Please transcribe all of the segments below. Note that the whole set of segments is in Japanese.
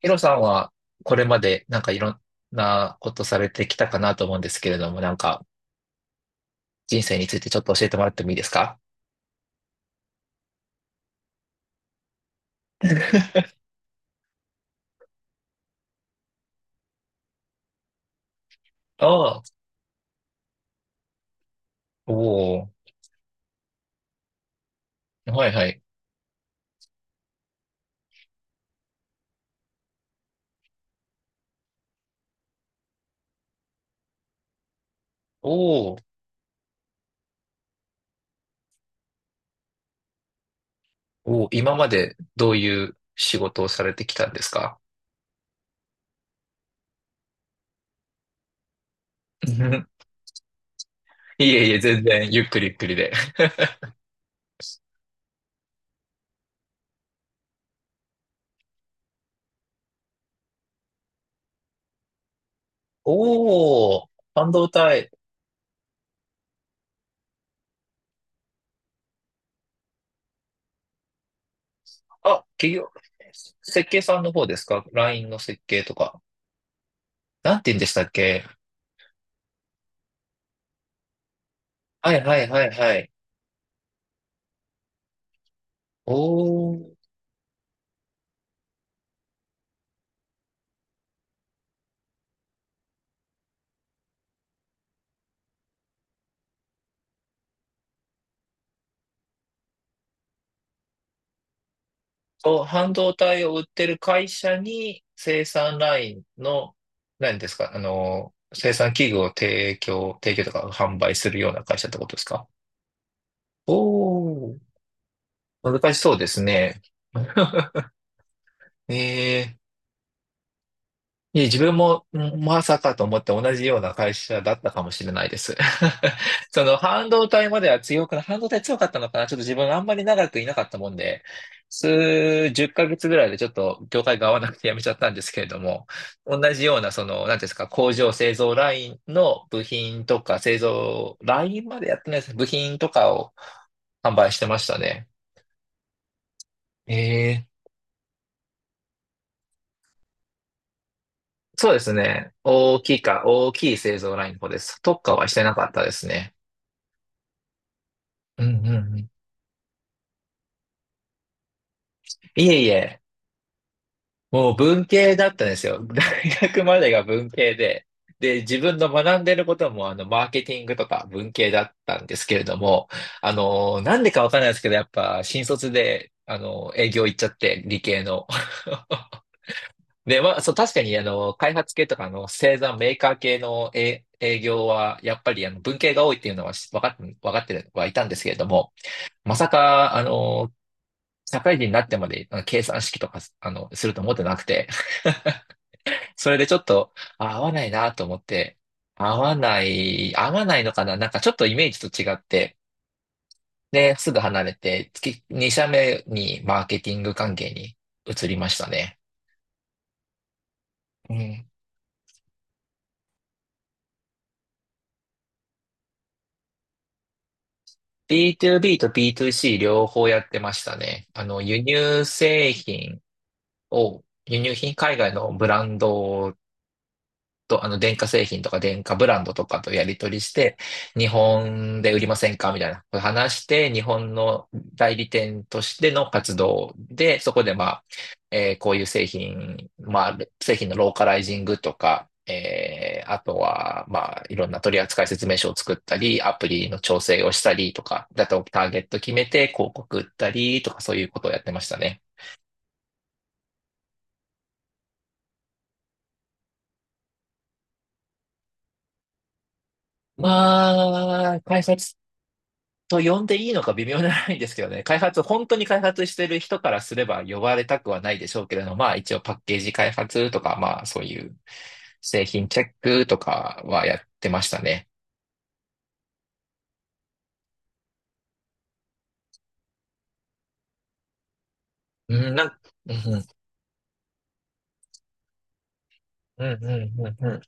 ヒロさんはこれまでなんかいろんなことされてきたかなと思うんですけれども、なんか人生についてちょっと教えてもらってもいいですか？ ああ、おお、はいはい。おお、おお、今までどういう仕事をされてきたんですか？ いえいえ、全然ゆっくりゆっくりで。おお、半導体。あ、企業、設計さんの方ですか？ LINE の設計とか。なんて言うんでしたっけ？はいはいはいはい。おお、と、半導体を売ってる会社に生産ラインの、何ですか、あの、生産器具を提供とか販売するような会社ってことですか？おー、難しそうですね。ええ、いえ、自分もんまさかと思って同じような会社だったかもしれないです。その半導体までは強くな、半導体強かったのかな、ちょっと自分あんまり長くいなかったもんで、数十ヶ月ぐらいでちょっと業界が合わなくて辞めちゃったんですけれども、同じようなその、なんていうんですか、工場製造ラインの部品とか製造ラインまでやってないですね。部品とかを販売してましたね。ええ。そうですね。大きい製造ラインの方です。特化はしてなかったですね。うんうんうん。いえいえ、もう文系だったんですよ。大学までが文系で、で、自分の学んでることも、あの、マーケティングとか文系だったんですけれども、あの、なんでかわかんないですけど、やっぱ、新卒で、あの、営業行っちゃって、理系の。で、まあ、そう、確かに、あの、開発系とか、あの、製造メーカー系の営営業は、やっぱり、あの、文系が多いっていうのはし分かって、分かってはいたんですけれども、まさか、あの、社会人になってまであの計算式とか、あの、すると思ってなくて、それでちょっと、あ合わないなと思って、合わないのかな、なんかちょっとイメージと違って、で、すぐ離れて、月、2社目にマーケティング関係に移りましたね。うん。B2B と B2C 両方やってましたね。あの、輸入品、海外のブランドと、あの、電化製品とか電化ブランドとかとやり取りして、日本で売りませんかみたいな話して、日本の代理店としての活動で、そこでまあ、こういう製品、まあ、製品のローカライジングとか、あとは、まあ、いろんな取扱説明書を作ったり、アプリの調整をしたりとか、だとターゲット決めて広告売ったりとか、そういうことをやってましたね。まあ、開発と呼んでいいのか微妙じゃないんですけどね、開発、本当に開発してる人からすれば呼ばれたくはないでしょうけれども、まあ一応パッケージ開発とか、まあそういう製品チェックとかはやってましたね。うん、なん、うん、うん、うん、うん、うん。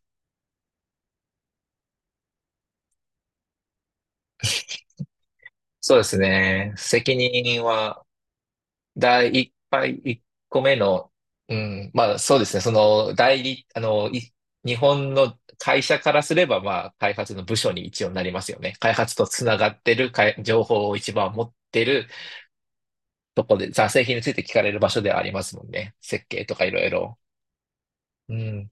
そうですね。責任は第一杯、一個目の、うん、まあそうですね、そのあの、い日本の会社からすれば、まあ開発の部署に一応なりますよね。開発とつながってる、かい情報を一番持ってるとこで、ざ製品について聞かれる場所ではありますもんね。設計とかいろいろ。うん。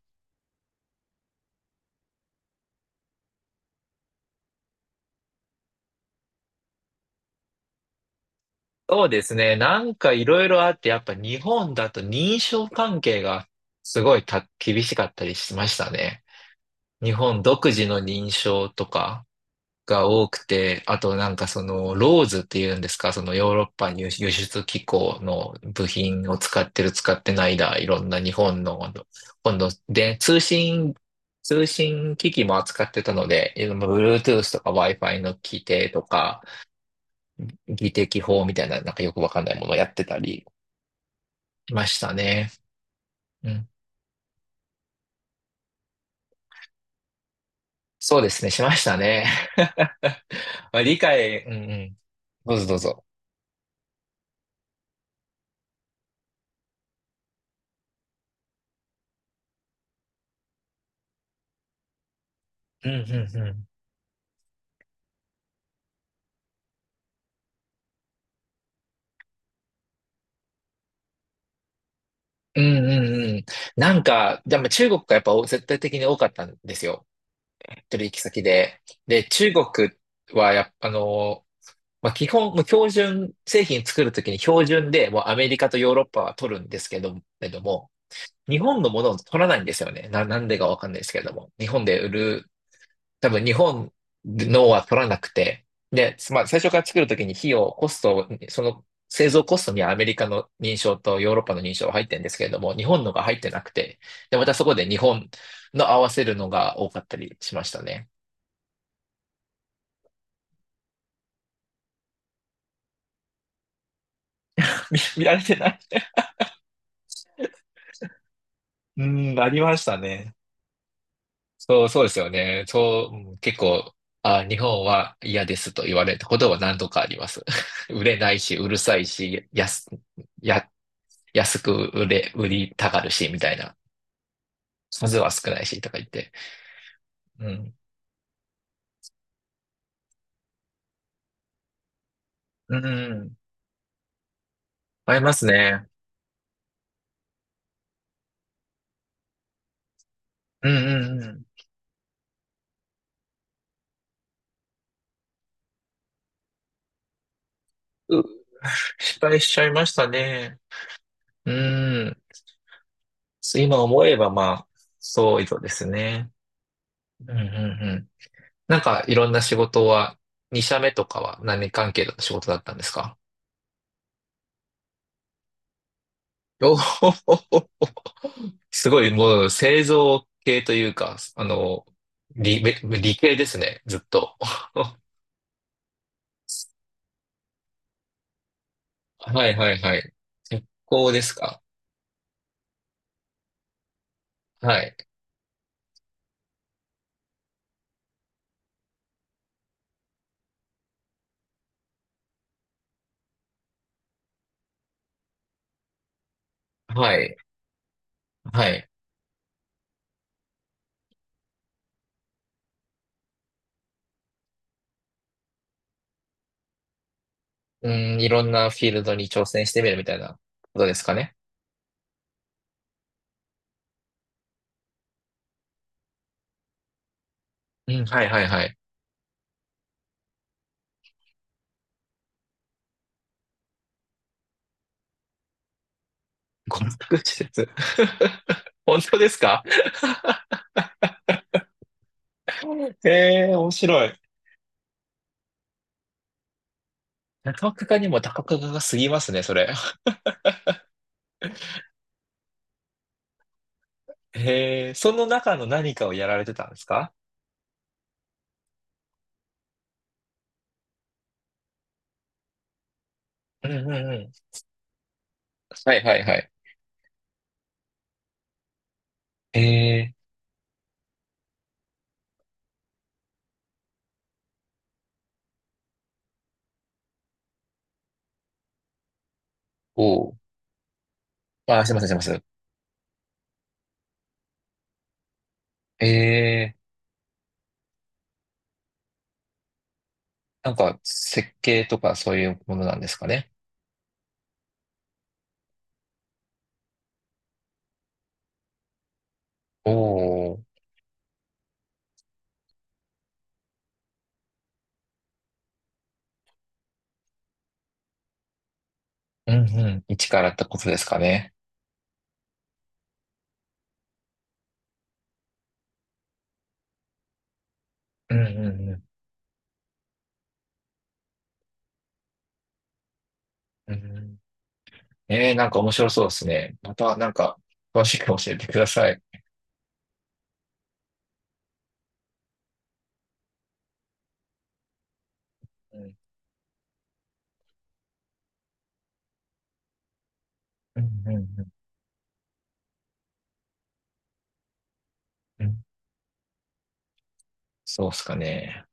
そうですね、なんかいろいろあって、やっぱ日本だと認証関係がすごいた厳しかったりしましたね。日本独自の認証とか。が多くて、あとなんかそのローズっていうんですか、そのヨーロッパ輸輸出機構の部品を使ってる使ってないだ、いろんな日本の、今度で通信機器も扱ってたので、いろんな Bluetooth とか Wi-Fi の規定とか、技適法みたいな、なんかよくわかんないものをやってたりしましたね。うん。そうですね、しましたね。まあ理解、うんうん。どうぞどうぞ。うんうんうん。うんうんうん。なんか、でも中国がやっぱ絶対的に多かったんですよ。取引先で。で、中国はやっぱ、あの、まあ、基本、もう標準、製品作るときに標準で、もうアメリカとヨーロッパは取るんですけど、けども、日本のものを取らないんですよね。なんでかわかんないですけれども。日本で売る多分日本のは取らなくて、で、まあ最初から作るときにコストを、その製造コストにはアメリカの認証とヨーロッパの認証が入ってるんですけれども、日本のが入ってなくて、で、またそこで日本の合わせるのが多かったりしましたね。見られてない、うん、ありましたね。そう、そうですよね。そう、うん、結構、あ、日本は嫌ですと言われたことは何度かあります。売れないし、うるさいし、安、や、安く売れ、売りたがるし、みたいな。数は少ないしとか言って。うん。うんうん。合いますね。うんうんうん、いますねう、失敗しちゃいましたね。うん。今思えばまあ、そうですね。うんうんうん。なんかいろんな仕事は、2社目とかは何関係の仕事だったんですか？おお、すごいもう製造系というか、あの、理系ですね、ずっと。はいはいはい。鉄工ですか？はい。はい。はい。うん、いろんなフィールドに挑戦してみるみたいなことですかね。うん、はいはいはい。娯楽施設。本当ですか？ へえ、面白い。中岡家にも高岡が過ぎますね、それ。へえ、その中の何かをやられてたんですか？うんうんうん。はいはいはい。ええ、おう。あ、すいません、すいません。ええ、なんか設計とかそういうものなんですかね。おお、うんうん。一からってことですかね。うんうんうん。うん、えー、なんか面白そうですね。また、なんか、詳しく教えてください。うんうんうんうん、そうっすかね。